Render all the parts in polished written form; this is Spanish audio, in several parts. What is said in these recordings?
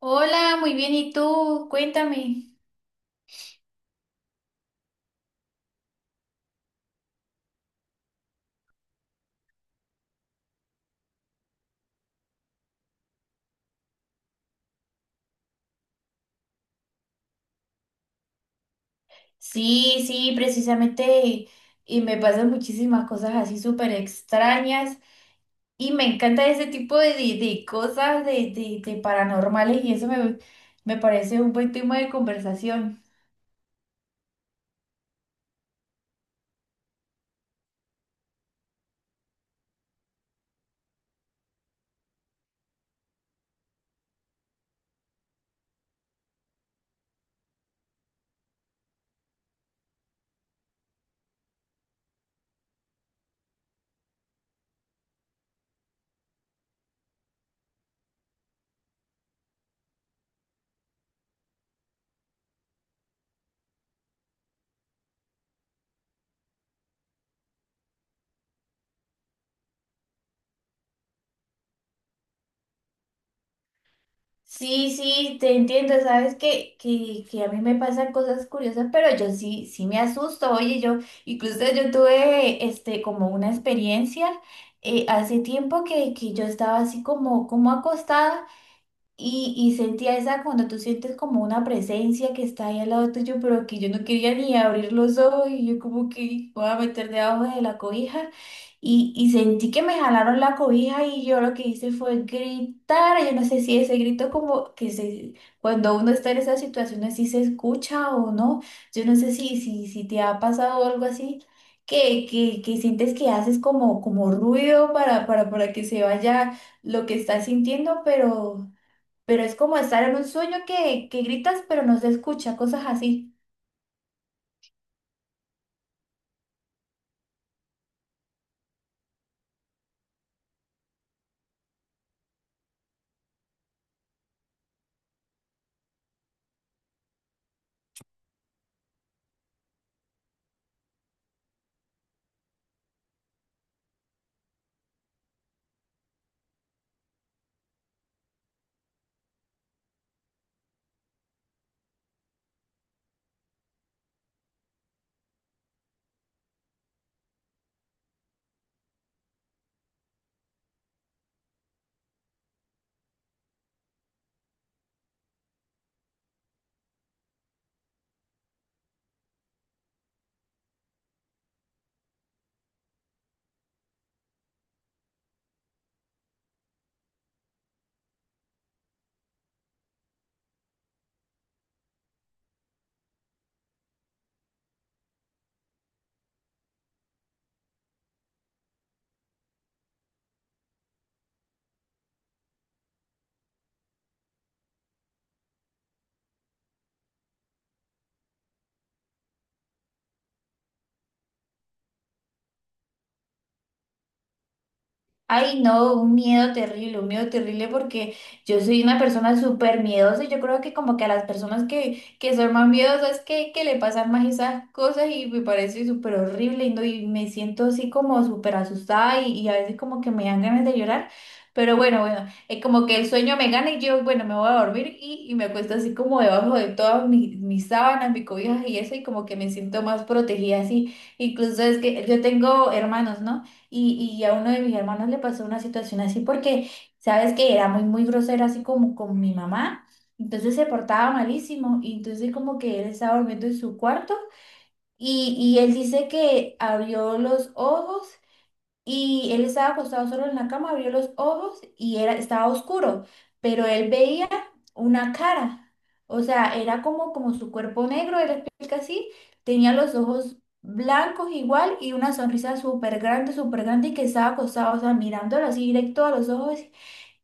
Hola, muy bien. ¿Y tú? Cuéntame. Sí, precisamente, y me pasan muchísimas cosas así súper extrañas y me encanta ese tipo de cosas de paranormales y eso me parece un buen tema de conversación. Sí, sí, te entiendo. Sabes que a mí me pasan cosas curiosas, pero yo sí me asusto, oye, yo incluso yo tuve como una experiencia hace tiempo que yo estaba así como acostada. Y sentía cuando tú sientes como una presencia que está ahí al lado tuyo, pero que yo no quería ni abrir los ojos y yo como que voy a meter debajo de la cobija. Y sentí que me jalaron la cobija y yo lo que hice fue gritar. Yo no sé si ese grito cuando uno está en esas situaciones, si se escucha o no. Yo no sé si te ha pasado algo así. Que sientes que haces como ruido para que se vaya lo que estás sintiendo, pero es como estar en un sueño que gritas pero no se escucha, cosas así. Ay, no, un miedo terrible, un miedo terrible, porque yo soy una persona súper miedosa y yo creo que como que a las personas que son más miedosas que le pasan más esas cosas, y me parece súper horrible y, no, y me siento así como súper asustada y a veces como que me dan ganas de llorar, pero bueno, es como que el sueño me gana y yo, bueno, me voy a dormir y me acuesto así como debajo de todas mis, mis sábanas, mis cobijas y eso, y como que me siento más protegida así. Incluso es que yo tengo hermanos, ¿no? Y a uno de mis hermanos le pasó una situación así, porque sabes que era muy, muy grosero así como con mi mamá. Entonces se portaba malísimo y entonces como que él estaba durmiendo en su cuarto y él dice que abrió los ojos y él estaba acostado solo en la cama, abrió los ojos y estaba oscuro, pero él veía una cara. O sea, era como su cuerpo negro, él explica así, tenía los ojos blancos igual y una sonrisa súper grande, súper grande, y que estaba acostado, o sea, mirándolo así directo a los ojos.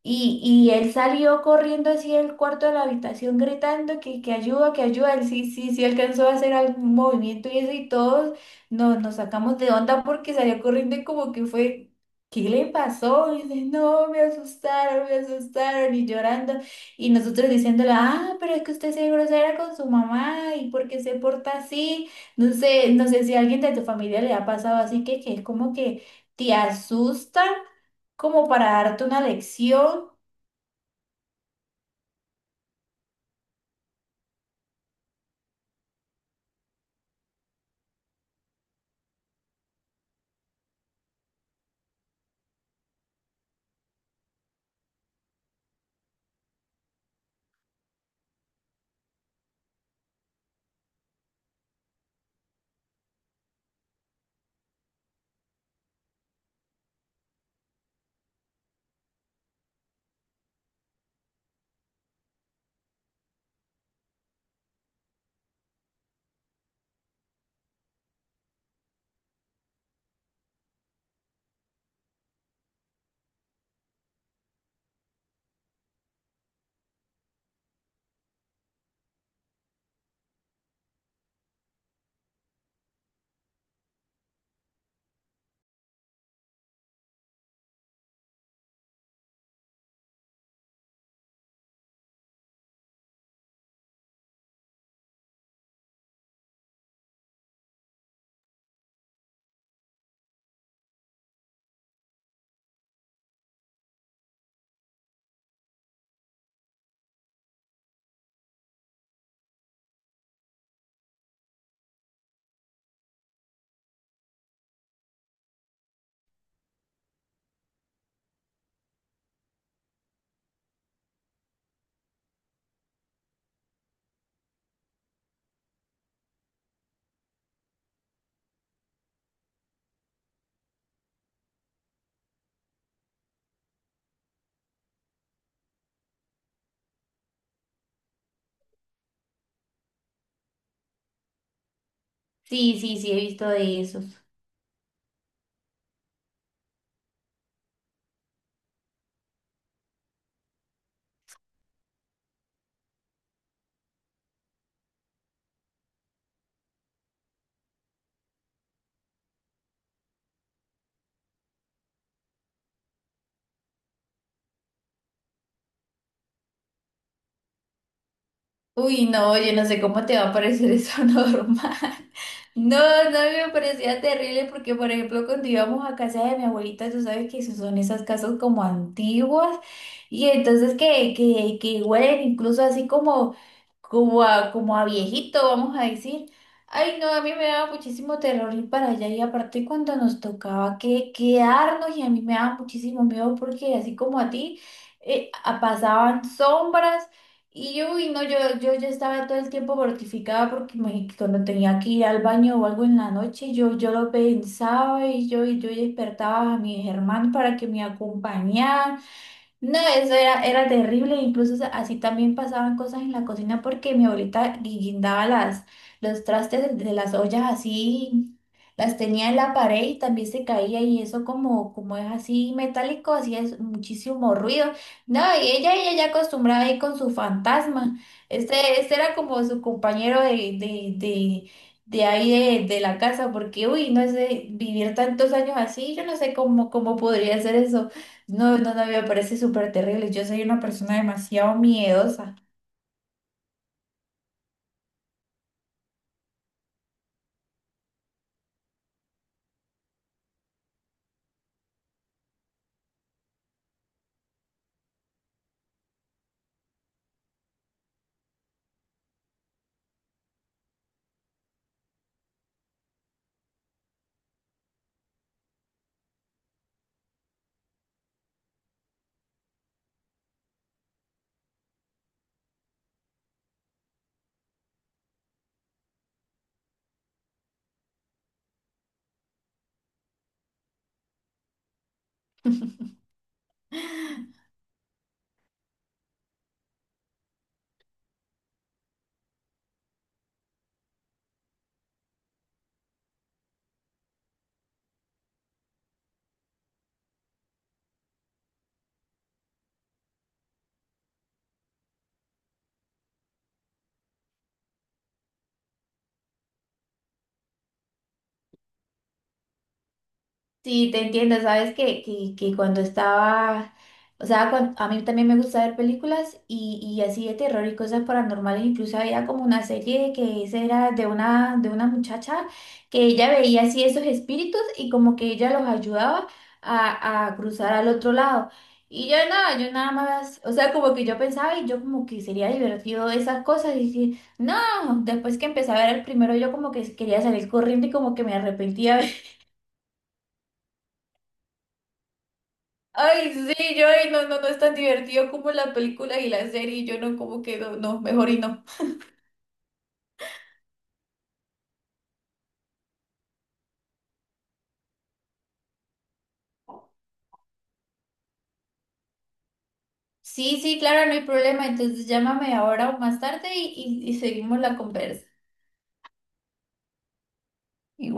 Y él salió corriendo así del cuarto de la habitación gritando que ayuda, que ayuda. Él sí alcanzó a hacer algún movimiento y eso, y todos nos sacamos de onda porque salió corriendo y como que fue, ¿qué le pasó? Y dice, no, me asustaron, me asustaron, y llorando. Y nosotros diciéndole, ah, pero es que usted se grosera con su mamá y porque se porta así. No sé, no sé si a alguien de tu familia le ha pasado así que es como que te asusta como para darte una lección. Sí, sí, sí, he visto de esos. Uy, no, yo no sé cómo te va a parecer eso normal. No, no me parecía terrible porque, por ejemplo, cuando íbamos a casa de mi abuelita, tú sabes que esos son esas casas como antiguas y entonces que huelen incluso así como como a viejito, vamos a decir. Ay, no, a mí me daba muchísimo terror ir para allá, y aparte cuando nos tocaba que quedarnos y a mí me daba muchísimo miedo porque así como a ti, pasaban sombras y yo, uy, no, yo ya estaba todo el tiempo mortificada porque cuando tenía que ir al baño o algo en la noche, yo lo pensaba y yo despertaba a mis hermanos para que me acompañaran. No, eso era, era terrible. Incluso así también pasaban cosas en la cocina, porque mi abuelita guindaba los trastes de las ollas así, las tenía en la pared y también se caía y eso como, como es así metálico, hacía muchísimo ruido. No, y ella ya acostumbrada ahí con su fantasma. Este era como su compañero de, de, de ahí de la casa, porque uy, no sé, vivir tantos años así, yo no sé cómo, cómo podría ser eso. No, no, no, me parece súper terrible. Yo soy una persona demasiado miedosa. Sí, te entiendo. Sabes que cuando estaba, o sea, a mí también me gusta ver películas y así de terror y cosas paranormales. Incluso había como una serie que esa era de una muchacha que ella veía así esos espíritus y como que ella los ayudaba a cruzar al otro lado. Y yo nada más, o sea, como que yo pensaba y yo como que sería divertido esas cosas y dije, no, después que empecé a ver el primero yo como que quería salir corriendo y como que me arrepentía. Ay, sí, yo, ay, no, no, no es tan divertido como la película y la serie, y yo no, como que no, no, mejor y no. Sí, sí, claro, no hay problema. Entonces llámame ahora o más tarde y, y seguimos la conversa. Igual.